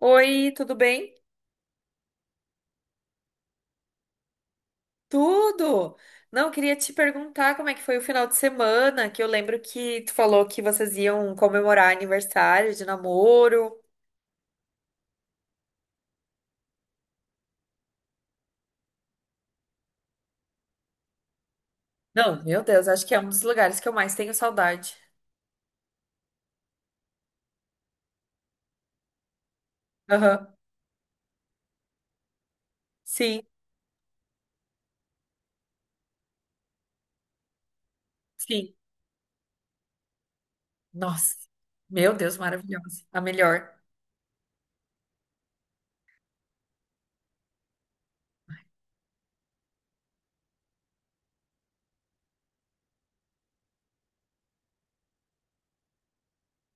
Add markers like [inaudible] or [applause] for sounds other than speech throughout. Oi, tudo bem? Tudo! Não, queria te perguntar como é que foi o final de semana, que eu lembro que tu falou que vocês iam comemorar aniversário de namoro. Não, meu Deus, acho que é um dos lugares que eu mais tenho saudade. Aham. Sim, sim. Nossa, meu Deus, maravilhosa. A melhor.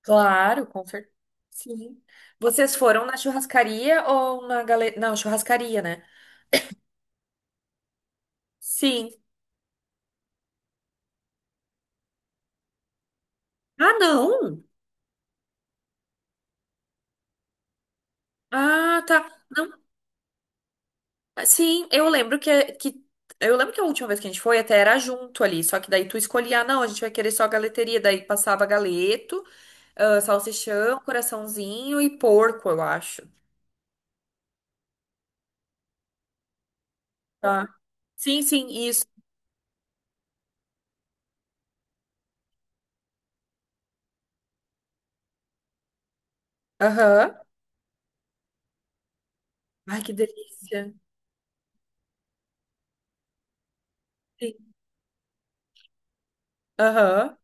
Claro, com certeza. Sim. Vocês foram na churrascaria ou na galeria? Não, churrascaria, né? Sim. Ah, não! Ah, tá. Não. Sim, eu lembro que, é, que eu lembro que a última vez que a gente foi até era junto ali, só que daí tu escolhia, ah, não, a gente vai querer só galeteria, daí passava galeto, ah, salsichão, coraçãozinho e porco, eu acho. Tá. Sim, sim, isso. Aham. Ai, que delícia. Sim. Aham.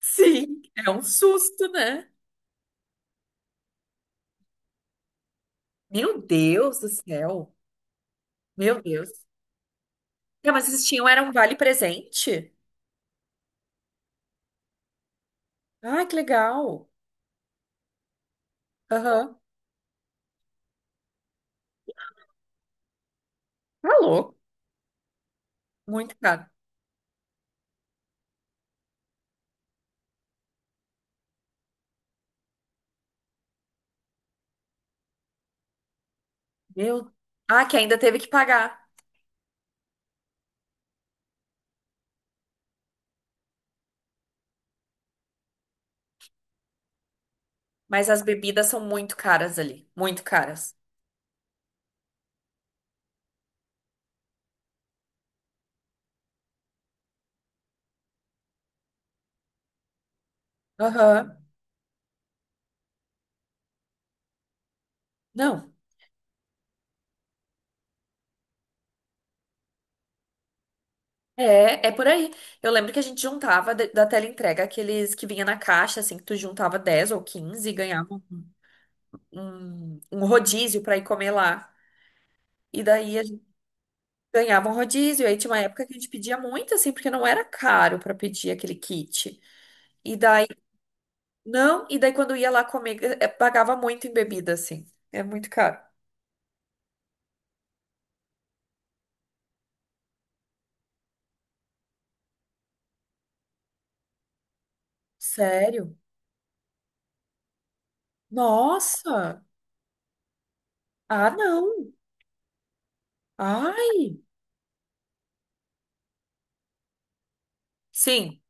Sim, é um susto, né? Meu Deus do céu. Meu Deus. Ah, mas vocês tinham era um vale presente? Ai, que legal. Aham. Tá louco. Muito caro. Meu. Ah, que ainda teve que pagar. Mas as bebidas são muito caras ali. Muito caras. Aham. Não. É, é por aí. Eu lembro que a gente juntava de- da teleentrega aqueles que vinha na caixa, assim, que tu juntava 10 ou 15 e ganhava um rodízio pra ir comer lá. E daí a gente ganhava um rodízio. Aí tinha uma época que a gente pedia muito, assim, porque não era caro pra pedir aquele kit. E daí, não, e daí quando ia lá comer, pagava muito em bebida, assim. É muito caro. Sério? Nossa! Ah, não! Ai! Sim,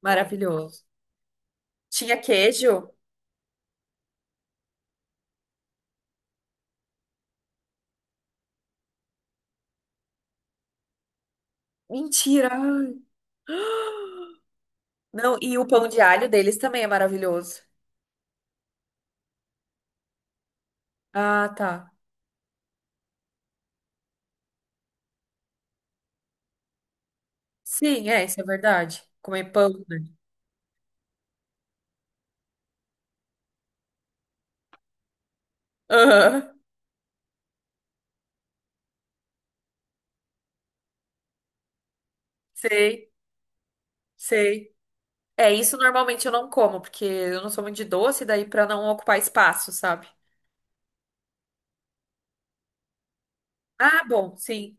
maravilhoso. Tinha queijo? Mentira! Ai. Não, e o pão de alho deles também é maravilhoso. Ah, tá. Sim, é, isso é verdade. Comer pão, né? Aham, sei, sei. É, isso normalmente eu não como, porque eu não sou muito de doce, daí pra não ocupar espaço, sabe? Ah, bom, sim.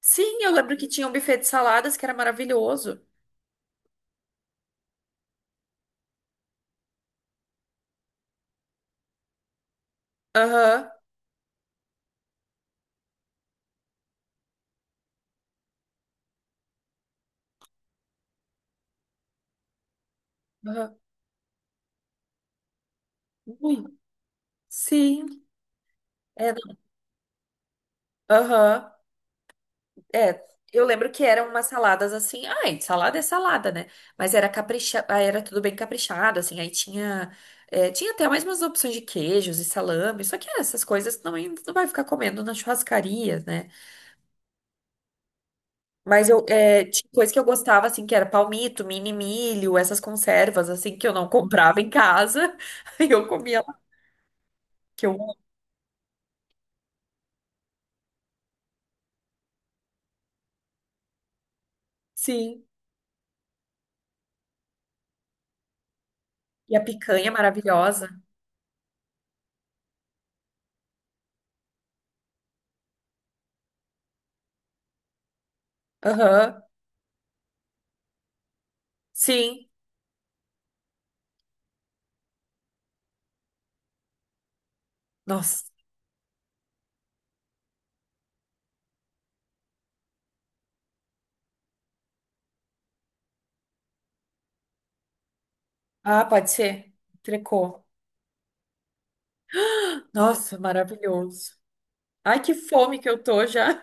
Sim, eu lembro que tinha um buffet de saladas que era maravilhoso. Aham, aham. Ui, sim, é, não- aham. É, eu lembro que eram umas saladas assim, ai, salada é salada, né? Mas era capricha, ah, era tudo bem caprichado, assim, aí tinha, é, tinha até mais umas opções de queijos e salame, só que essas coisas não, não vai ficar comendo na churrascaria, né? Mas eu, é, tinha coisa que eu gostava, assim, que era palmito, mini milho, essas conservas, assim, que eu não comprava em casa, [laughs] aí eu comia lá, que eu, sim, e a picanha maravilhosa, aham, sim, nossa, ah, pode ser, trecou. Nossa, maravilhoso. Ai, que fome que eu tô já.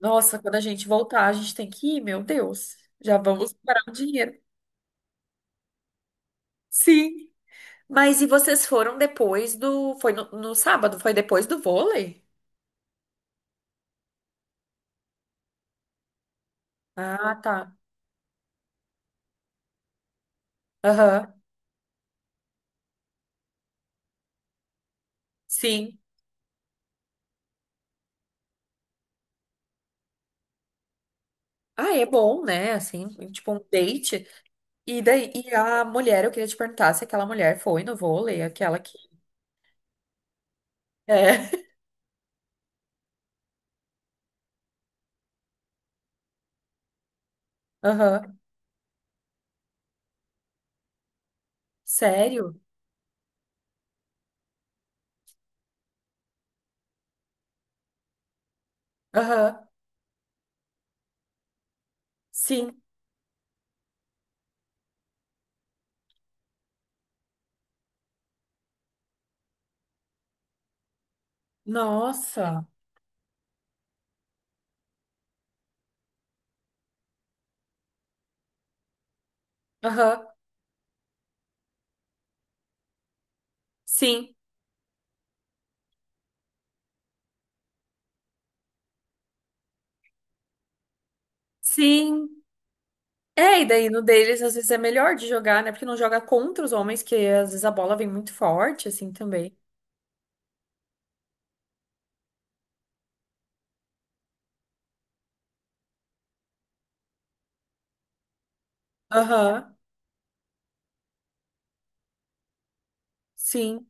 Nossa, quando a gente voltar, a gente tem que ir, meu Deus. Já vamos parar o dinheiro. Sim. Mas e vocês foram depois do. Foi no, no sábado? Foi depois do vôlei? Ah, tá. Aham. Sim. Ah, é bom, né? Assim, tipo um date. E daí, e a mulher, eu queria te perguntar se aquela mulher foi no vôlei, aquela que. É. [laughs] Aham. Sério? Aham. Sim. Nossa. Aham. Sim. Sim. É, e daí no deles às vezes é melhor de jogar, né? Porque não joga contra os homens, que às vezes a bola vem muito forte, assim também. Aham. Sim.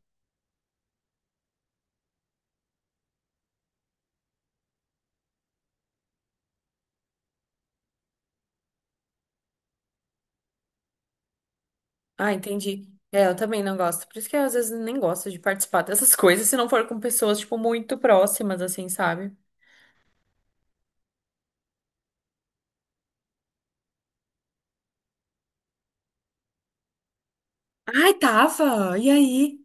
Ah, entendi. É, eu também não gosto. Por isso que eu às vezes nem gosto de participar [laughs] dessas coisas, se não for com pessoas, tipo, muito próximas, assim, sabe? Ai, tava! E aí?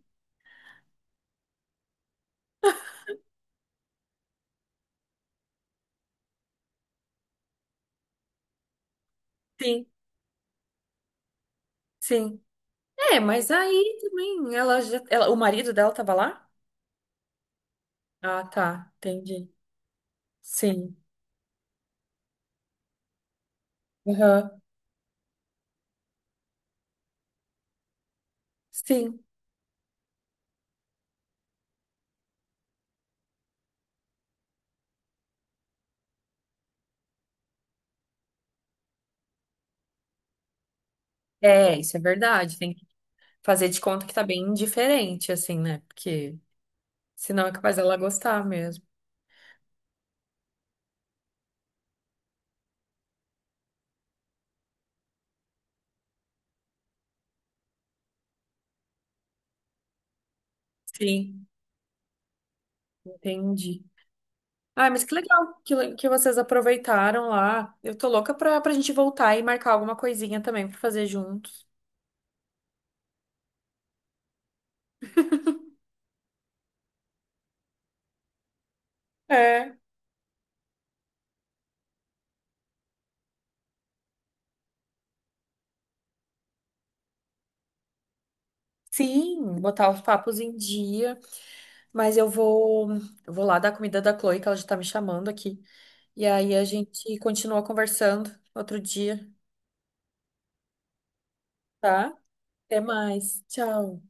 Sim, sim. É, mas aí também ela já. Ela, o marido dela tava lá? Ah, tá. Entendi. Sim. Aham. Sim. É, isso é verdade. Tem fazer de conta que tá bem indiferente, assim, né? Porque senão é capaz dela gostar mesmo. Sim. Entendi. Ah, mas que legal que, le- que vocês aproveitaram lá. Eu tô louca pra, pra gente voltar e marcar alguma coisinha também pra fazer juntos. É. Sim, botar os papos em dia. Mas eu vou lá dar comida da Chloe, que ela já tá me chamando aqui. E aí a gente continua conversando outro dia, tá? Até mais. Tchau.